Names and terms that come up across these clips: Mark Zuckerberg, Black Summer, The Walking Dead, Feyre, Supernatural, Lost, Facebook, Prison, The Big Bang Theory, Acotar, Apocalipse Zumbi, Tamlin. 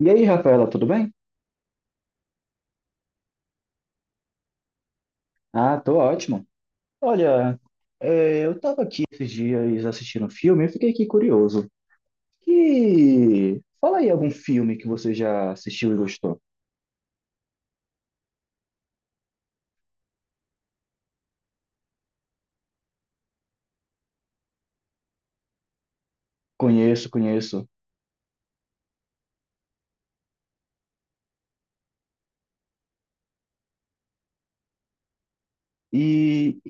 E aí, Rafaela, tudo bem? Ah, tô ótimo. Olha, eu tava aqui esses dias assistindo um filme e fiquei aqui curioso. Que... Fala aí algum filme que você já assistiu e gostou. Conheço, conheço. E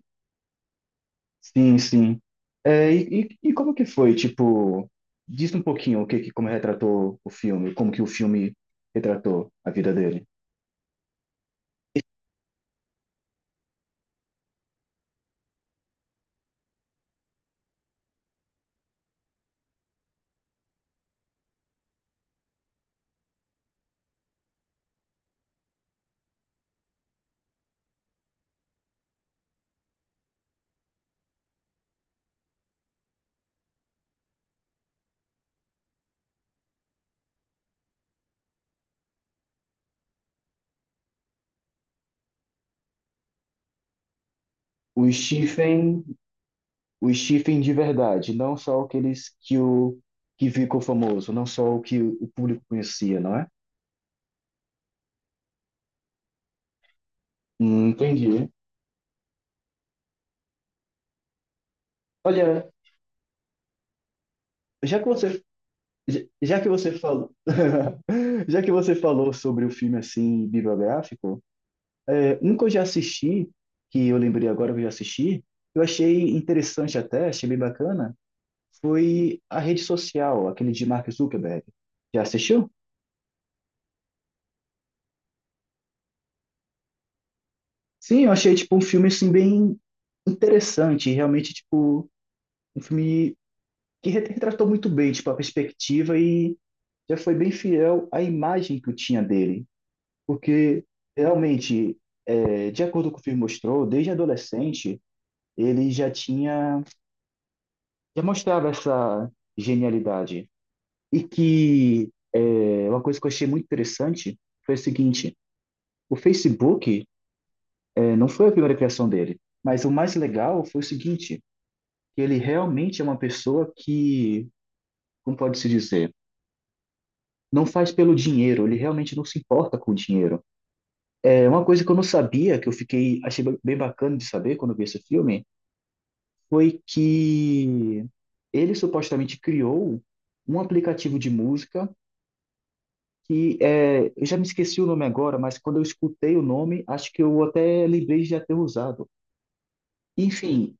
sim, sim. É, e como que foi? Tipo, diz um pouquinho o que como retratou o filme, como que o filme retratou a vida dele. O Stephen o Stephen de verdade, não só aqueles que o que ficou famoso, não só o que o público conhecia, não é? Entendi. Olha, já que você já já que você falou já que você falou sobre o filme assim bibliográfico, é, um que eu já assisti, que eu lembrei agora que eu já assisti, eu achei interessante até, achei bem bacana, foi A Rede Social, aquele de Mark Zuckerberg. Já assistiu? Sim, eu achei tipo um filme assim bem interessante, realmente tipo um filme que retratou muito bem, tipo, a perspectiva e já foi bem fiel à imagem que eu tinha dele. Porque, realmente, é, de acordo com o que o filme mostrou, desde adolescente, ele já tinha, já mostrava essa genialidade. E que é, uma coisa que eu achei muito interessante foi o seguinte, o Facebook é, não foi a primeira criação dele, mas o mais legal foi o seguinte, que ele realmente é uma pessoa que, como pode-se dizer, não faz pelo dinheiro, ele realmente não se importa com o dinheiro. É uma coisa que eu não sabia, que eu fiquei achei bem bacana de saber quando eu vi esse filme, foi que ele supostamente criou um aplicativo de música que é, eu já me esqueci o nome agora, mas quando eu escutei o nome, acho que eu até lembrei de já ter usado. Enfim,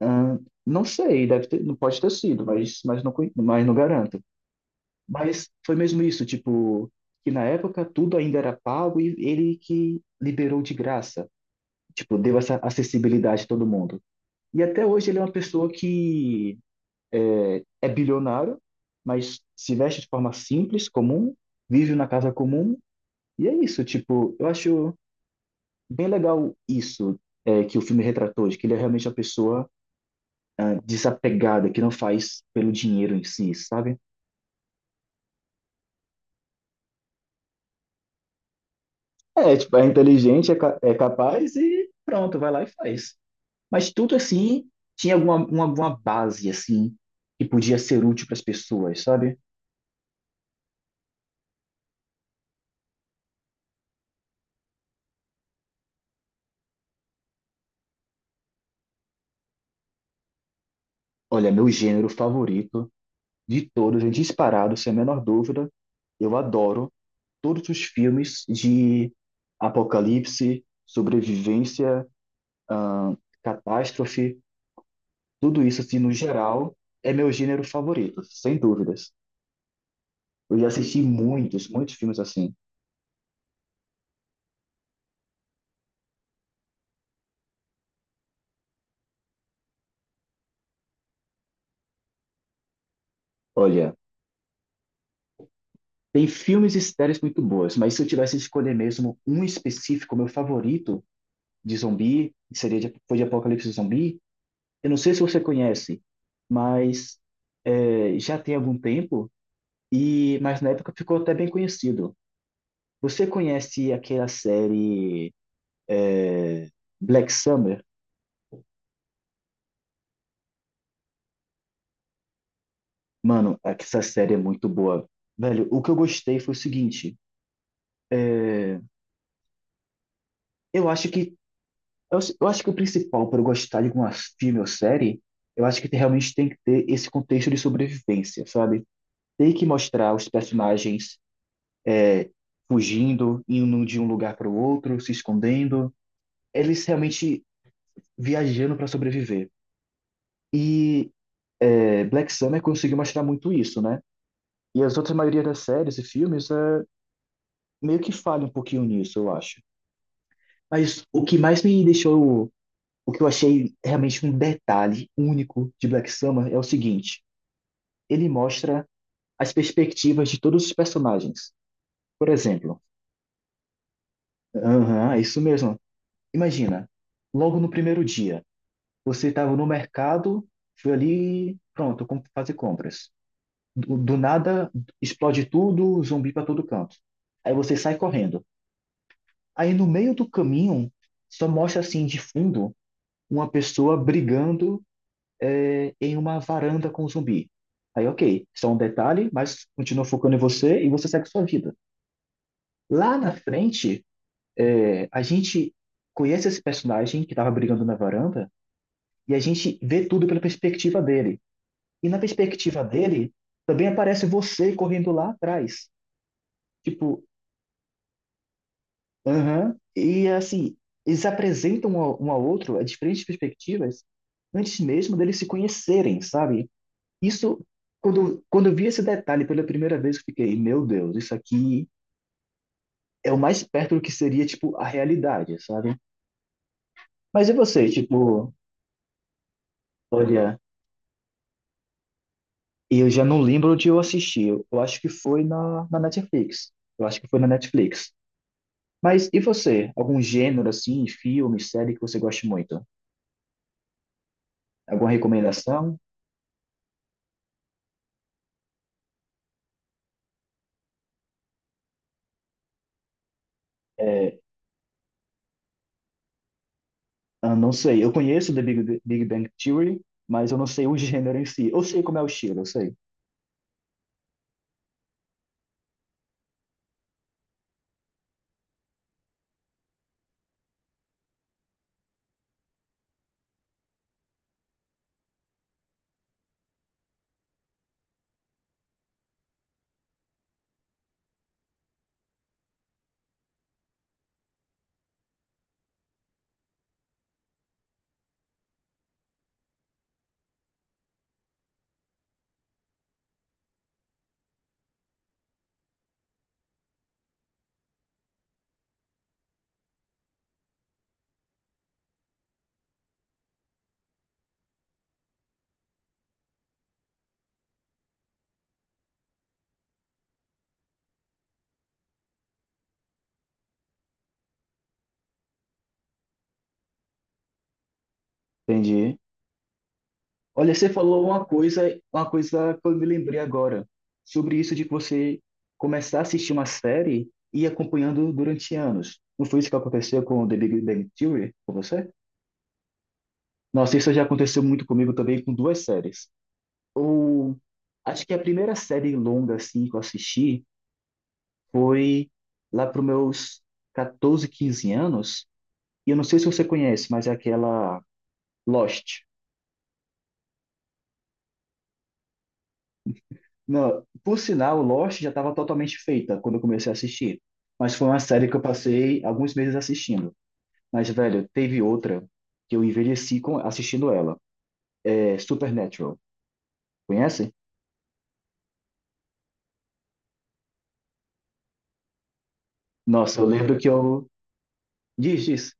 ahn, não sei, deve ter, não pode ter sido, mas, não, mas não garanto. Mas foi mesmo isso, tipo, que na época tudo ainda era pago e ele que liberou de graça, tipo, deu essa acessibilidade a todo mundo. E até hoje ele é uma pessoa que é bilionário, mas se veste de forma simples, comum, vive na casa comum, e é isso, tipo, eu acho bem legal isso. É que o filme retratou, de que ele é realmente uma pessoa desapegada, que não faz pelo dinheiro em si, sabe? É, tipo, é inteligente, é, é capaz e pronto, vai lá e faz. Mas tudo assim tinha uma base assim que podia ser útil para as pessoas, sabe? Olha, meu gênero favorito de todos, é disparado, sem a menor dúvida, eu adoro todos os filmes de apocalipse, sobrevivência, ahn, catástrofe, tudo isso assim no geral é meu gênero favorito, sem dúvidas. Eu já assisti muitos, muitos filmes assim. Olha, tem filmes e séries muito boas, mas se eu tivesse que escolher mesmo um específico, meu favorito de zumbi, seria de, foi de Apocalipse Zumbi. Eu não sei se você conhece, mas é, já tem algum tempo, e mas na época ficou até bem conhecido. Você conhece aquela série Black Summer? Mano, essa série é muito boa. Velho, o que eu gostei foi o seguinte: eu acho que eu acho que o principal para eu gostar de uma filme ou série, eu acho que realmente tem que ter esse contexto de sobrevivência, sabe? Tem que mostrar os personagens fugindo, indo de um lugar para o outro, se escondendo, eles realmente viajando para sobreviver. E é, Black Summer conseguiu mostrar muito isso, né? E as outras maioria das séries e filmes é, meio que falha um pouquinho nisso, eu acho. Mas o que mais me deixou, o que eu achei realmente um detalhe único de Black Summer é o seguinte: ele mostra as perspectivas de todos os personagens. Por exemplo, aham, é isso mesmo. Imagina, logo no primeiro dia, você estava no mercado, foi ali, pronto, fazer compras. Do nada, explode tudo, zumbi para todo canto. Aí você sai correndo. Aí no meio do caminho, só mostra assim de fundo uma pessoa brigando em uma varanda com um zumbi. Aí, ok, só um detalhe, mas continua focando em você e você segue sua vida. Lá na frente, é, a gente conhece esse personagem que estava brigando na varanda e a gente vê tudo pela perspectiva dele. E na perspectiva dele, também aparece você correndo lá atrás. Tipo, aham. E assim, eles apresentam um ao outro a diferentes perspectivas antes mesmo deles se conhecerem, sabe? Isso, quando eu vi esse detalhe pela primeira vez, eu fiquei, meu Deus, isso aqui é o mais perto do que seria, tipo, a realidade, sabe? Mas e você, tipo. Olha, eu já não lembro onde eu assisti. Eu acho que foi na, na Netflix. Eu acho que foi na Netflix. Mas e você? Algum gênero assim, filme, série que você goste muito? Alguma recomendação? É, ah, não sei. Eu conheço The Big Bang Theory, mas eu não sei o gênero em si. Eu sei como é o estilo, eu sei. Entendi. Olha, você falou uma coisa que eu me lembrei agora, sobre isso de que você começar a assistir uma série e ir acompanhando durante anos. Não foi isso que aconteceu com The Big Bang Theory com você? Nossa, isso já aconteceu muito comigo também com duas séries. Ou acho que a primeira série longa assim que eu assisti foi lá para meus 14, 15 anos. E eu não sei se você conhece, mas é aquela Lost. Não, por sinal, Lost já estava totalmente feita quando eu comecei a assistir. Mas foi uma série que eu passei alguns meses assistindo. Mas, velho, teve outra que eu envelheci com, assistindo ela. É Supernatural. Conhece? Nossa, eu lembro que eu. Diz, diz.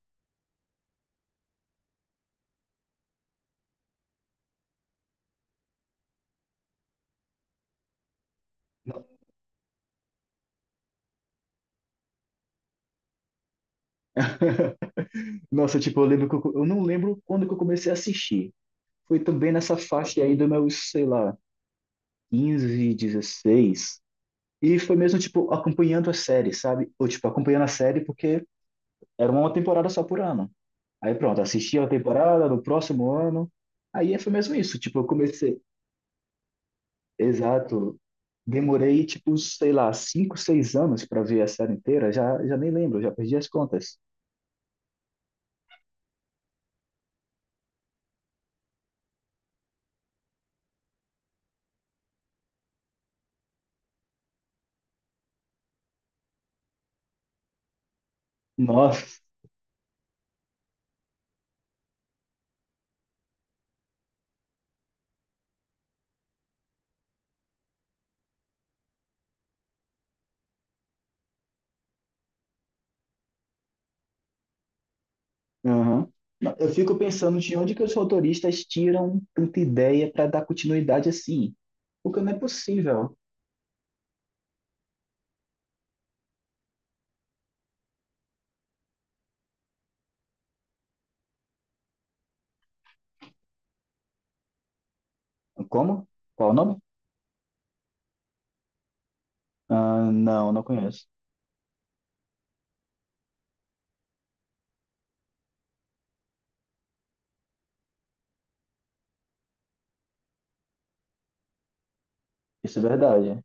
Nossa, tipo, eu lembro que eu não lembro quando que eu comecei a assistir. Foi também nessa faixa aí do meu, sei lá, 15, 16. E foi mesmo, tipo, acompanhando a série, sabe? Ou, tipo, acompanhando a série porque era uma temporada só por ano. Aí pronto, assisti a temporada no próximo ano. Aí foi mesmo isso. Tipo, eu comecei. Exato. Demorei, tipo, sei lá, cinco, seis anos para ver a série inteira. Já, já nem lembro, já perdi as contas. Nossa. Aham. Não, eu fico pensando de onde que os roteiristas tiram tanta ideia para dar continuidade assim. Porque não é possível. Como? Qual o nome? Ah, não, não conheço. Isso é verdade.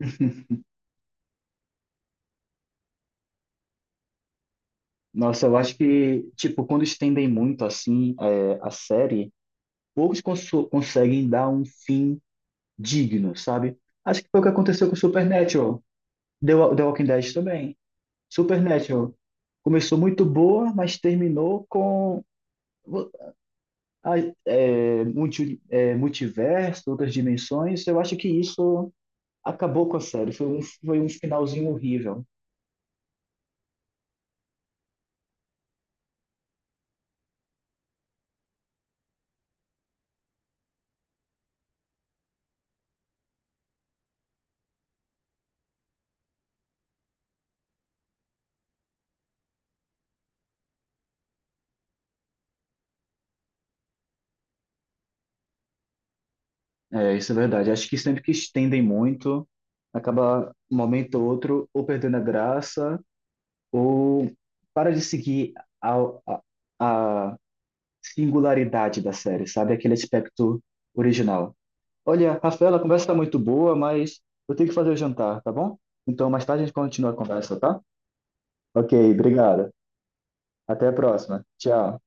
Nossa, eu acho que, tipo, quando estendem muito, assim, é, a série. Poucos conseguem dar um fim digno, sabe? Acho que foi o que aconteceu com Supernatural. The Walking Dead também. Supernatural começou muito boa, mas terminou com a- multiverso, outras dimensões. Eu acho que isso acabou com a série. Foi um finalzinho horrível. É, isso é verdade. Acho que sempre que estendem muito, acaba um momento ou outro ou perdendo a graça ou para de seguir a, a, a singularidade da série, sabe? Aquele aspecto original. Olha, Rafaela, a conversa está muito boa, mas eu tenho que fazer o jantar, tá bom? Então, mais tarde a gente continua a conversa, tá? Ok, obrigado. Até a próxima. Tchau.